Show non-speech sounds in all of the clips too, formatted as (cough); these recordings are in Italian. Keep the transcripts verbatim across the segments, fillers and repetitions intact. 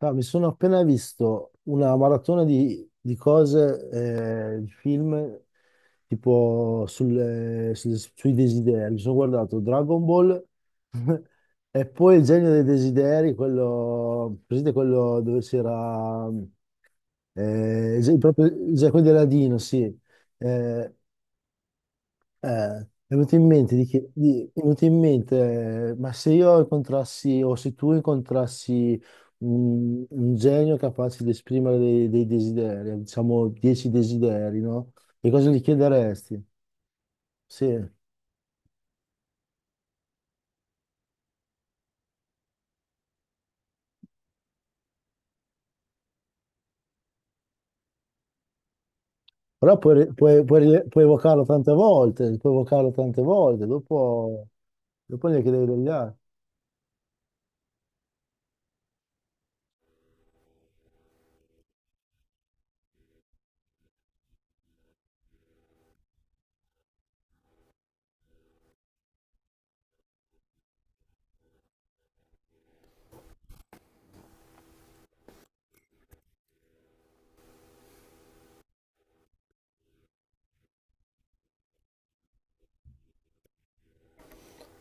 No, mi sono appena visto una maratona di, di cose, eh, di film, tipo sul- eh, su- sui desideri. Mi sono guardato Dragon Ball (laughs) e poi Il genio dei desideri, quello, presente quello dove c'era, eh, il gen- proprio, il gen- quello di Aladino, sì. Eh, eh, è venuto in mente, di chi- di- è venuto in mente, eh, ma se io incontrassi o se tu incontrassi un, un genio capace di esprimere dei, dei desideri, diciamo dieci desideri, no? Che cosa gli chiederesti? Sì, però puoi, re- puoi- puoi rile- puoi evocarlo tante volte, puoi evocarlo tante volte, dopo, dopo ne chiedi degli altri.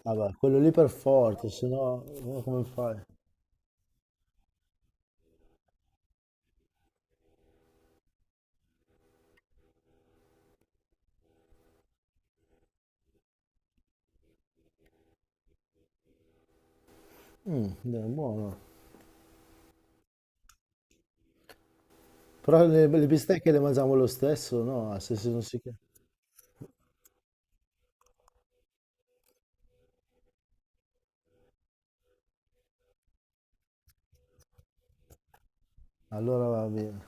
Vabbè, quello lì per forza, se no eh, come fai? Mm, è buono. Però le, le bistecche le mangiamo lo stesso, no? Se, se non si. Allora va bene.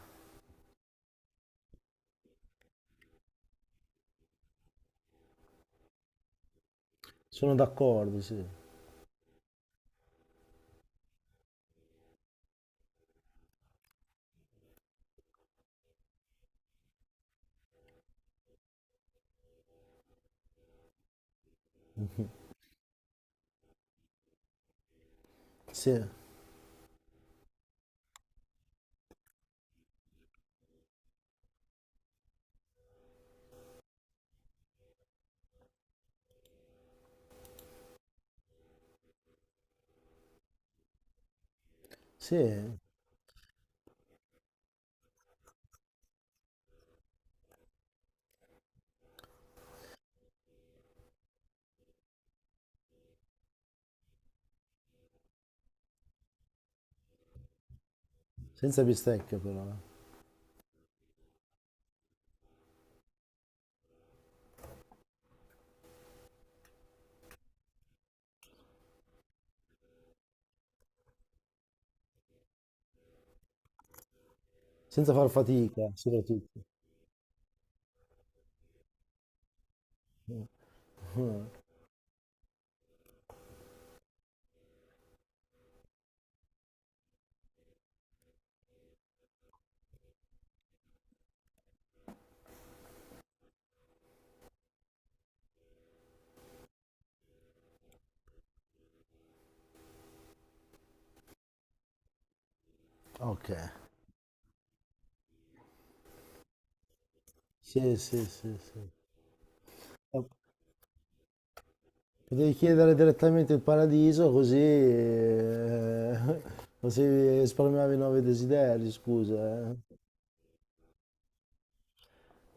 Sono d'accordo, sì. Sì, sì, senza bistecche però, eh. Senza far fatica, soprattutto. Ok. Sì, sì, sì, sì. Eh, Potevi chiedere direttamente il paradiso così, eh, (laughs) così risparmiavi i nuovi desideri, scusa. eh.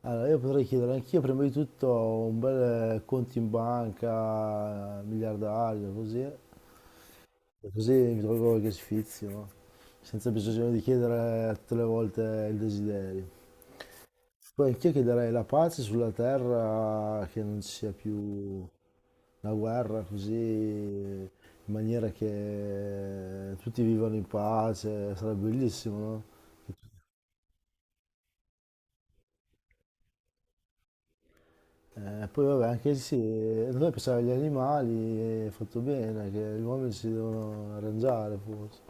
Allora, io potrei chiedere anch'io prima di tutto un bel eh, conto in banca, eh, miliardario, così. eh. E così mi trovo qualche sfizio, no? Senza bisogno di chiedere tutte le volte il desiderio. Poi anch'io chiederei la pace sulla terra, che non ci sia più la guerra, così in maniera che tutti vivano in pace, sarebbe bellissimo, no? Eh, poi vabbè, anche sì, noi pensavamo agli animali, è fatto bene, che gli uomini si devono arrangiare forse,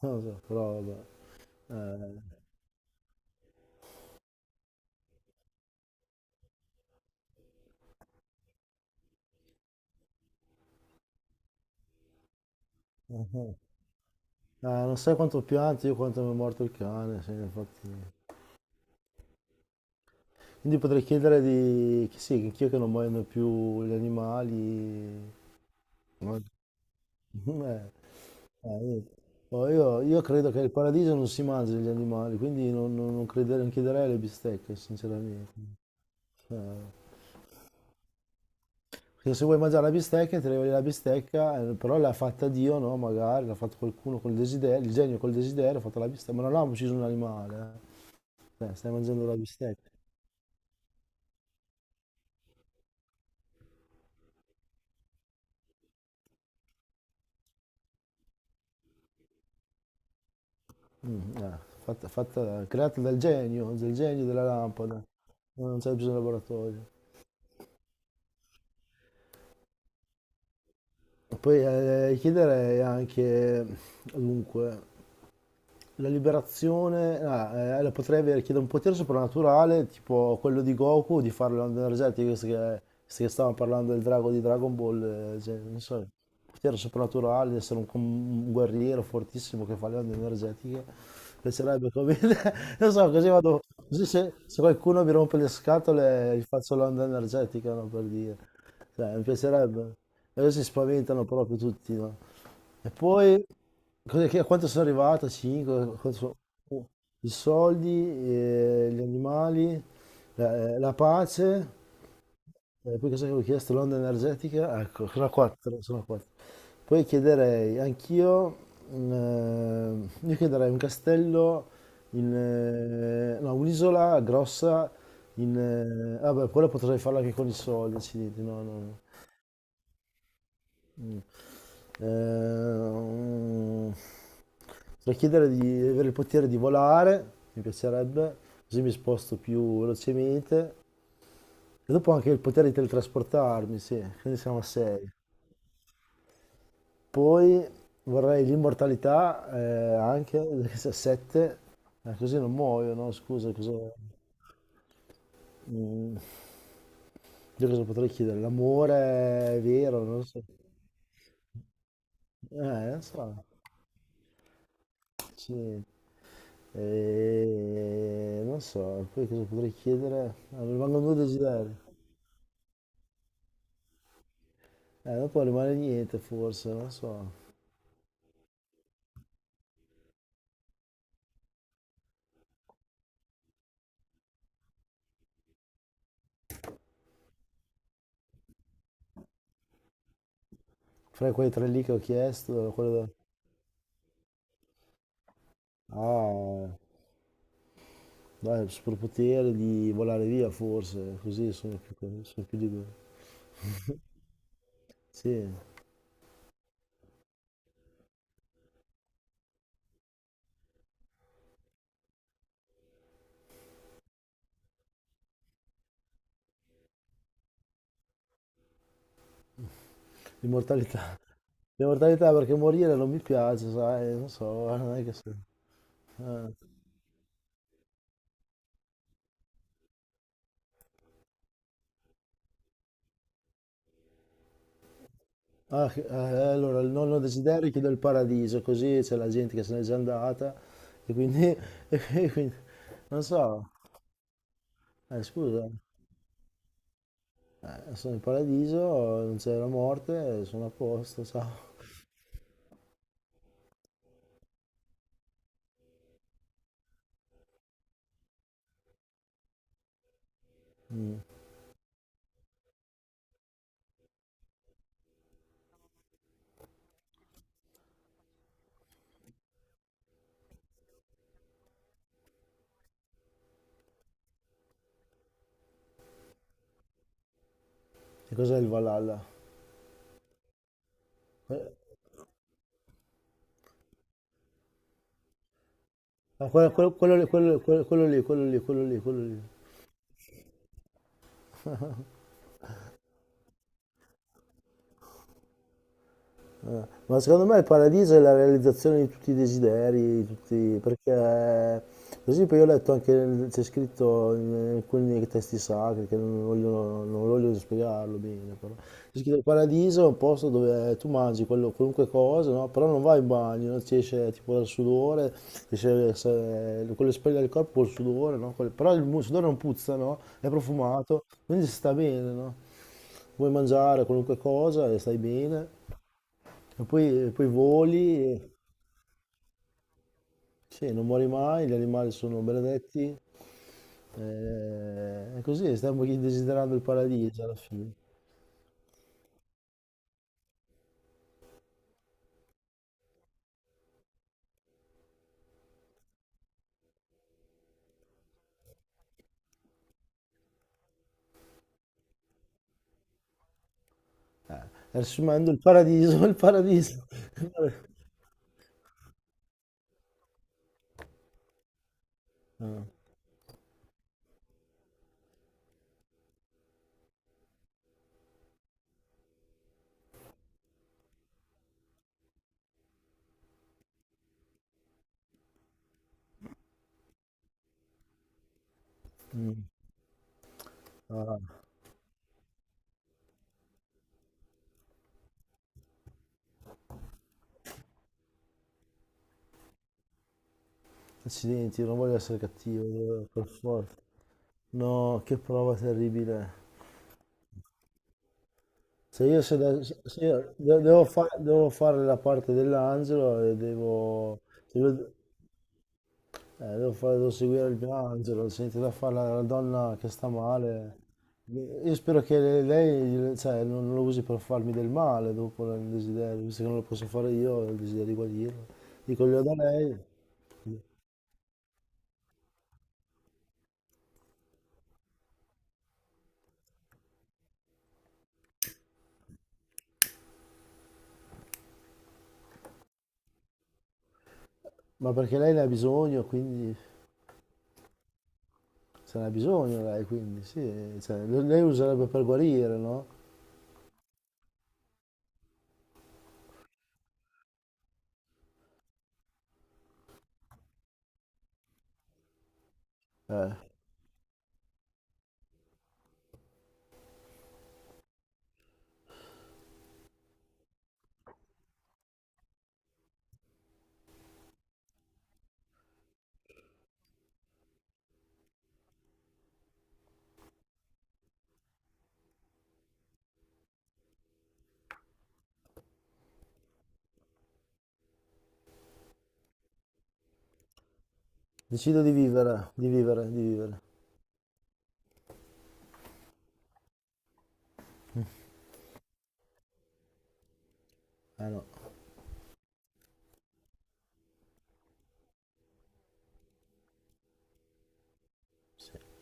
non lo so, però vabbè. Eh. (laughs) Eh, non sai quanto pianti io quanto mi è morto il cane, sì, infatti. Quindi potrei chiedere di che sì, anch'io che non muoiono più gli animali. No. Eh, eh, Niente. Oh, io, io credo che il paradiso non si mangi gli animali, quindi non, non- non credere- non chiederei alle bistecche, sinceramente. Eh, Perché se vuoi mangiare la bistecca, ti arriva la bistecca, eh, però l'ha fatta Dio, no? Magari l'ha fatto qualcuno col desiderio, il genio col desiderio ha fatto la bistecca, ma non ha ucciso un animale, eh. Eh, stai mangiando la bistecca. Mm, eh, fatta, fatta- Creata dal genio, dal genio della lampada, non c'è bisogno di laboratorio. Poi eh, chiederei anche, dunque, la liberazione, ah, eh, la potrei avere, chiede un potere soprannaturale, tipo quello di Goku, di fare le onde energetiche, visto che, visto che stavamo parlando del drago di Dragon Ball, eh, cioè, non so, potere soprannaturale, di essere un, com- un guerriero fortissimo che fa le onde energetiche, piacerebbe come. (laughs) Non so, così vado, così se, se qualcuno mi rompe le scatole gli faccio l'onda energetica, no, per dire, cioè, mi piacerebbe, e così si spaventano proprio tutti, no? E poi. Cos'è che- a quanto sono arrivato? cinque? I soldi, eh, gli animali, la, eh, la pace, eh, poi cosa avevo chiesto? L'onda energetica, ecco, sono quattro, sono quattro. Poi chiederei anch'io, mm, eh, io chiederei un castello, in, eh, no, un'isola grossa, in, eh, vabbè, quella potrei farla anche con i soldi, accidenti, no, no, no. Mm. Ehm, Potrei chiedere di avere il potere di volare, mi piacerebbe, così mi sposto più velocemente. E dopo anche il potere di teletrasportarmi, sì, quindi siamo a sei. Poi vorrei l'immortalità eh, anche, perché se a sette, così non muoio, no? Scusa, cosa. Mm, io cosa potrei chiedere? L'amore è vero, non lo so. Eh, Non so. Sì. E non so, poi cosa potrei chiedere? Ah, mi rimangono due desideri. Eh, dopo rimane niente forse, non so. Fra quei tre lì che ho chiesto, quello da. Ah, dai, il superpotere di volare via forse, così sono più, sono più libero. Sì, l'immortalità. L'immortalità perché morire non mi piace, sai, non so, (laughs) non è che so. Eh. Ah, che- eh, allora, il nonno desideri chiude il paradiso, così c'è la gente che se n'è già andata e quindi, (laughs) e quindi- non so, eh, scusa, eh, sono in paradiso, non c'è la morte, sono a posto, ciao. Che cos'è il Valhalla? Eh, ah, quello, quello- Quello lì, quello quello quello lì, quello lì, quello lì, quello lì. Eh, Ma secondo me il paradiso è la realizzazione di tutti i desideri, di tutti, perché per esempio io ho letto anche, nel- c'è scritto in alcuni testi sacri, che non voglio, non voglio spiegarlo bene, però c'è scritto il paradiso è un posto dove tu mangi quello- qualunque cosa, no? Però non vai in bagno, no? Ti esce tipo dal sudore, ti esce se- quello che spoglia il corpo col sudore, no? Quel- Però il mu- sudore non puzza, no? È profumato, quindi si sta bene, no? Vuoi mangiare qualunque cosa e stai bene. E poi, poi voli, e- sì, non muori mai, gli animali sono benedetti, eh, è così, stiamo chi- desiderando il paradiso alla fine. E riassumendo il paradiso, (laughs) il paradiso. Ah, accidenti, non voglio essere cattivo, eh, per forza. No, che prova terribile. Se io, se da- se- se io de- devo, fa- Devo fare la parte dell'angelo e devo. devo- Eh, devo, fare- devo seguire il mio angelo, senti da fare la, la donna che sta male. Io spero che le- lei, cioè, non, non lo usi per farmi del male dopo il desiderio, visto che non lo posso fare io, ho il desiderio di guarirla. Dico, glielo do a lei, ma perché lei ne ha bisogno, quindi se ne ha bisogno lei, quindi sì, cioè, le- lei userebbe per guarire, no? Eh, Decido di vivere, di vivere, di vivere. Eh no. Sì.